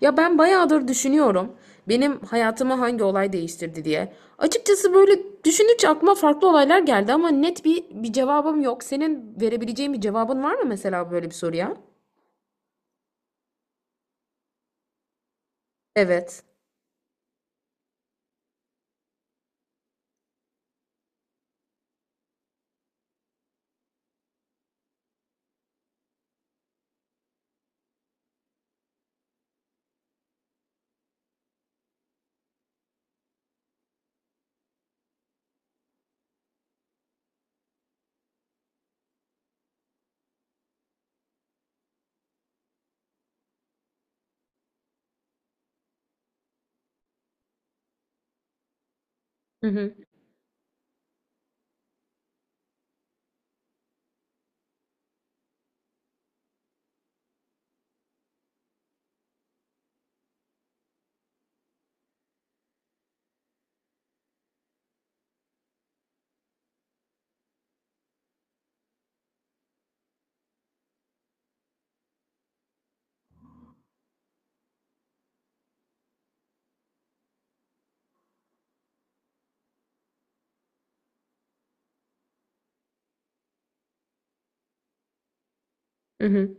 Ya ben bayağıdır düşünüyorum. Benim hayatımı hangi olay değiştirdi diye. Açıkçası böyle düşününce aklıma farklı olaylar geldi ama net bir cevabım yok. Senin verebileceğin bir cevabın var mı mesela böyle bir soruya? Evet. Hı hı. Hı hı.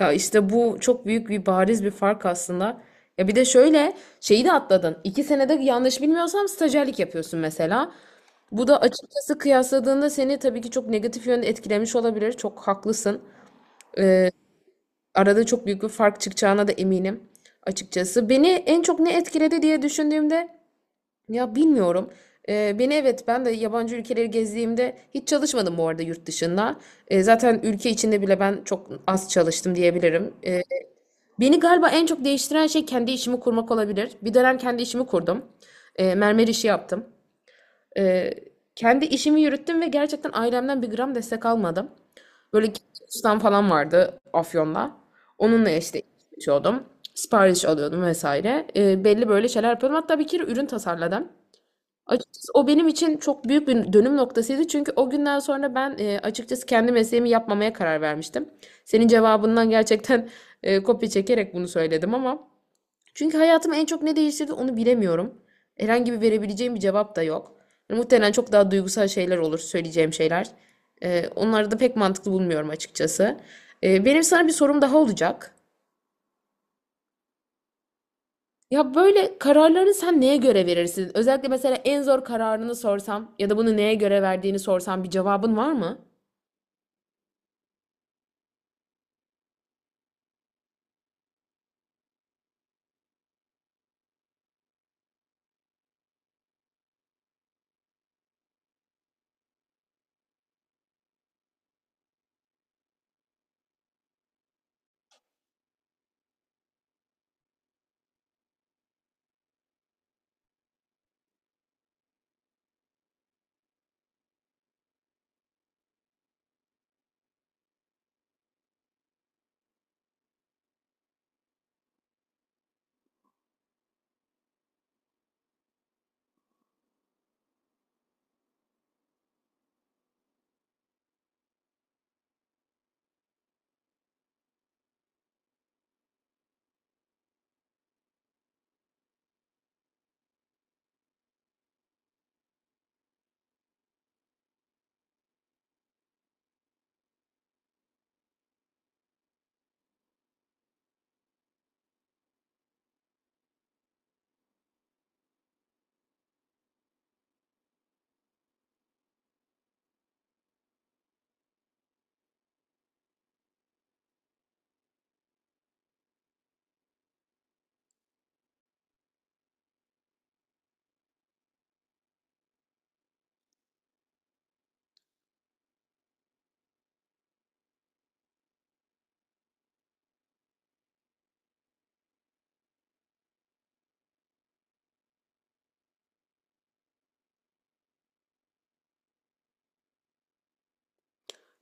Ya işte bu çok büyük bir bariz bir fark aslında. Ya bir de şöyle şeyi de atladın. İki senede yanlış bilmiyorsam stajyerlik yapıyorsun mesela. Bu da açıkçası kıyasladığında seni tabii ki çok negatif yönde etkilemiş olabilir. Çok haklısın. Ee, Arada çok büyük bir fark çıkacağına da eminim açıkçası. Beni en çok ne etkiledi diye düşündüğümde ya bilmiyorum. Beni evet ben de yabancı ülkeleri gezdiğimde hiç çalışmadım bu arada yurt dışında. Zaten ülke içinde bile ben çok az çalıştım diyebilirim. Beni galiba en çok değiştiren şey kendi işimi kurmak olabilir. Bir dönem kendi işimi kurdum. Mermer işi yaptım. Ee, kendi işimi yürüttüm ve gerçekten ailemden bir gram destek almadım. Böyle gitmiş ustam falan vardı Afyon'da. Onunla işte içiyordum. Sipariş alıyordum vesaire. Belli böyle şeyler yapıyordum. Hatta bir kere ürün tasarladım. Açıkçası o benim için çok büyük bir dönüm noktasıydı. Çünkü o günden sonra ben açıkçası kendi mesleğimi yapmamaya karar vermiştim. Senin cevabından gerçekten kopya çekerek bunu söyledim ama çünkü hayatımı en çok ne değiştirdi onu bilemiyorum. Herhangi bir verebileceğim bir cevap da yok. Yani muhtemelen çok daha duygusal şeyler olur söyleyeceğim şeyler. Onları da pek mantıklı bulmuyorum açıkçası. Benim sana bir sorum daha olacak. Ya böyle kararlarını sen neye göre verirsin? Özellikle mesela en zor kararını sorsam ya da bunu neye göre verdiğini sorsam bir cevabın var mı?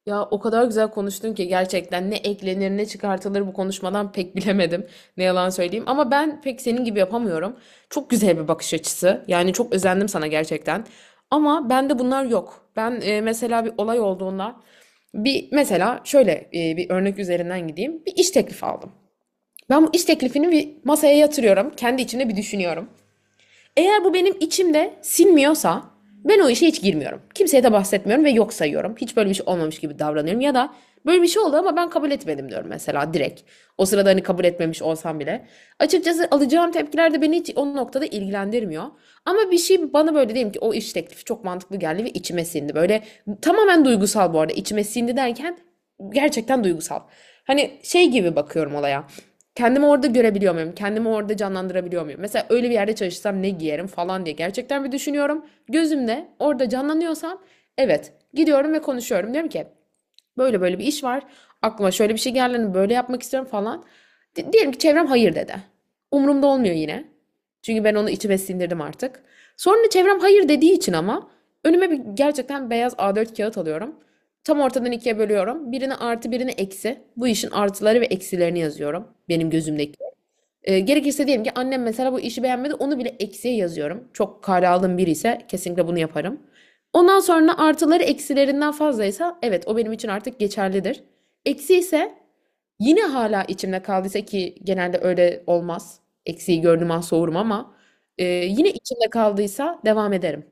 Ya o kadar güzel konuştun ki gerçekten ne eklenir ne çıkartılır bu konuşmadan pek bilemedim. Ne yalan söyleyeyim ama ben pek senin gibi yapamıyorum. Çok güzel bir bakış açısı. Yani çok özendim sana gerçekten. Ama bende bunlar yok. Ben mesela bir olay olduğunda bir mesela şöyle bir örnek üzerinden gideyim. Bir iş teklifi aldım. Ben bu iş teklifini bir masaya yatırıyorum. Kendi içimde bir düşünüyorum. Eğer bu benim içimde sinmiyorsa ben o işe hiç girmiyorum. Kimseye de bahsetmiyorum ve yok sayıyorum. Hiç böyle bir şey olmamış gibi davranıyorum ya da böyle bir şey oldu ama ben kabul etmedim diyorum mesela direkt. O sırada hani kabul etmemiş olsam bile. Açıkçası alacağım tepkiler de beni hiç o noktada ilgilendirmiyor. Ama bir şey bana böyle diyelim ki o iş teklifi çok mantıklı geldi ve içime sindi. Böyle tamamen duygusal bu arada içime sindi derken gerçekten duygusal. Hani şey gibi bakıyorum olaya. Kendimi orada görebiliyor muyum? Kendimi orada canlandırabiliyor muyum? Mesela öyle bir yerde çalışsam ne giyerim falan diye gerçekten bir düşünüyorum. Gözümde orada canlanıyorsam evet gidiyorum ve konuşuyorum. Diyorum ki böyle böyle bir iş var. Aklıma şöyle bir şey geldi. Hani böyle yapmak istiyorum falan. Diyelim ki çevrem hayır dedi. Umurumda olmuyor yine. Çünkü ben onu içime sindirdim artık. Sonra çevrem hayır dediği için ama önüme bir gerçekten beyaz A4 kağıt alıyorum. Tam ortadan ikiye bölüyorum. Birine artı birine eksi. Bu işin artıları ve eksilerini yazıyorum. Benim gözümdeki. Gerekirse diyelim ki annem mesela bu işi beğenmedi. Onu bile eksiye yazıyorum. Çok kale aldığım biri ise kesinlikle bunu yaparım. Ondan sonra artıları eksilerinden fazlaysa evet o benim için artık geçerlidir. Eksi ise yine hala içimde kaldıysa ki genelde öyle olmaz. Eksiği gördüğüm an soğurum ama yine içimde kaldıysa devam ederim.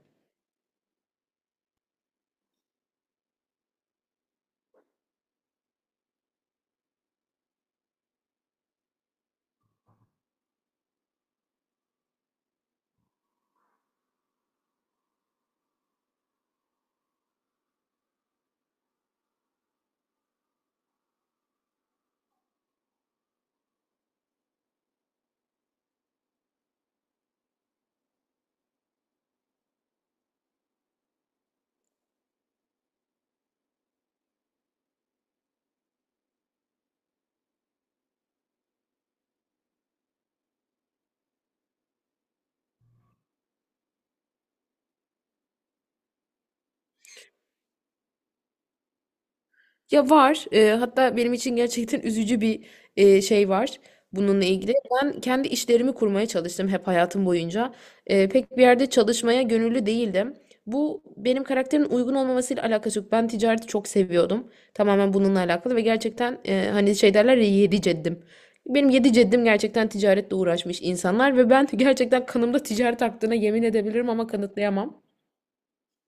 Ya var. Hatta benim için gerçekten üzücü bir şey var bununla ilgili. Ben kendi işlerimi kurmaya çalıştım hep hayatım boyunca. Pek bir yerde çalışmaya gönüllü değildim. Bu benim karakterimin uygun olmamasıyla alakası yok. Ben ticareti çok seviyordum. Tamamen bununla alakalı ve gerçekten hani şey derler ya yedi ceddim. Benim yedi ceddim gerçekten ticaretle uğraşmış insanlar ve ben gerçekten kanımda ticaret aktığına yemin edebilirim ama kanıtlayamam.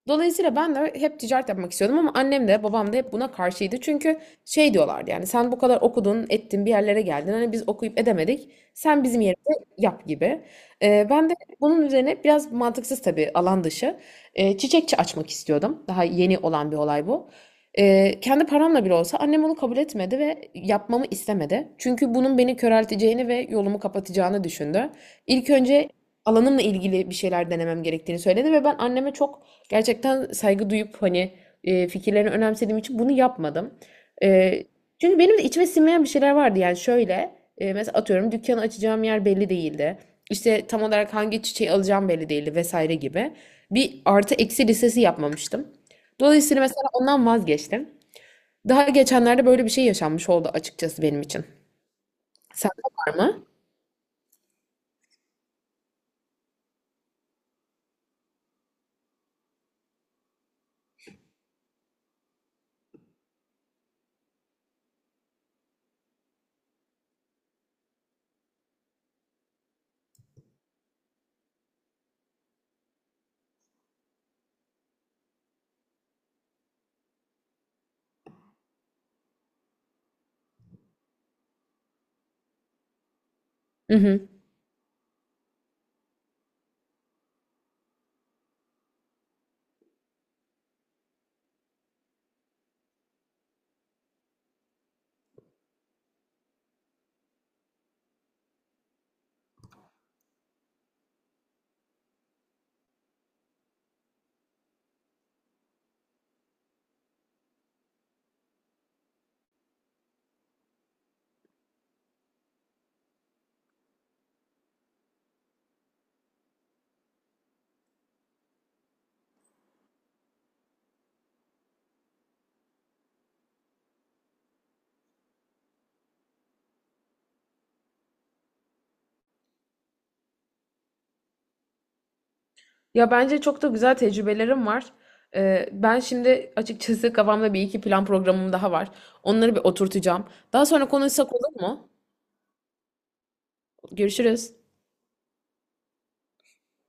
Dolayısıyla ben de hep ticaret yapmak istiyordum ama annem de babam da hep buna karşıydı. Çünkü şey diyorlardı yani sen bu kadar okudun, ettin, bir yerlere geldin. Hani biz okuyup edemedik. Sen bizim yerimize yap gibi. Ben de bunun üzerine biraz mantıksız tabii alan dışı çiçekçi açmak istiyordum. Daha yeni olan bir olay bu. Kendi paramla bile olsa annem onu kabul etmedi ve yapmamı istemedi. Çünkü bunun beni körelteceğini ve yolumu kapatacağını düşündü. İlk önce alanımla ilgili bir şeyler denemem gerektiğini söyledi ve ben anneme çok gerçekten saygı duyup hani fikirlerini önemsediğim için bunu yapmadım. E, çünkü benim de içime sinmeyen bir şeyler vardı. Yani şöyle mesela atıyorum dükkanı açacağım yer belli değildi. İşte tam olarak hangi çiçeği alacağım belli değildi vesaire gibi. Bir artı eksi listesi yapmamıştım. Dolayısıyla mesela ondan vazgeçtim. Daha geçenlerde böyle bir şey yaşanmış oldu açıkçası benim için. Sende var mı? Hı. Ya bence çok da güzel tecrübelerim var. Ben şimdi açıkçası kafamda bir iki plan programım daha var. Onları bir oturtacağım. Daha sonra konuşsak olur mu? Görüşürüz.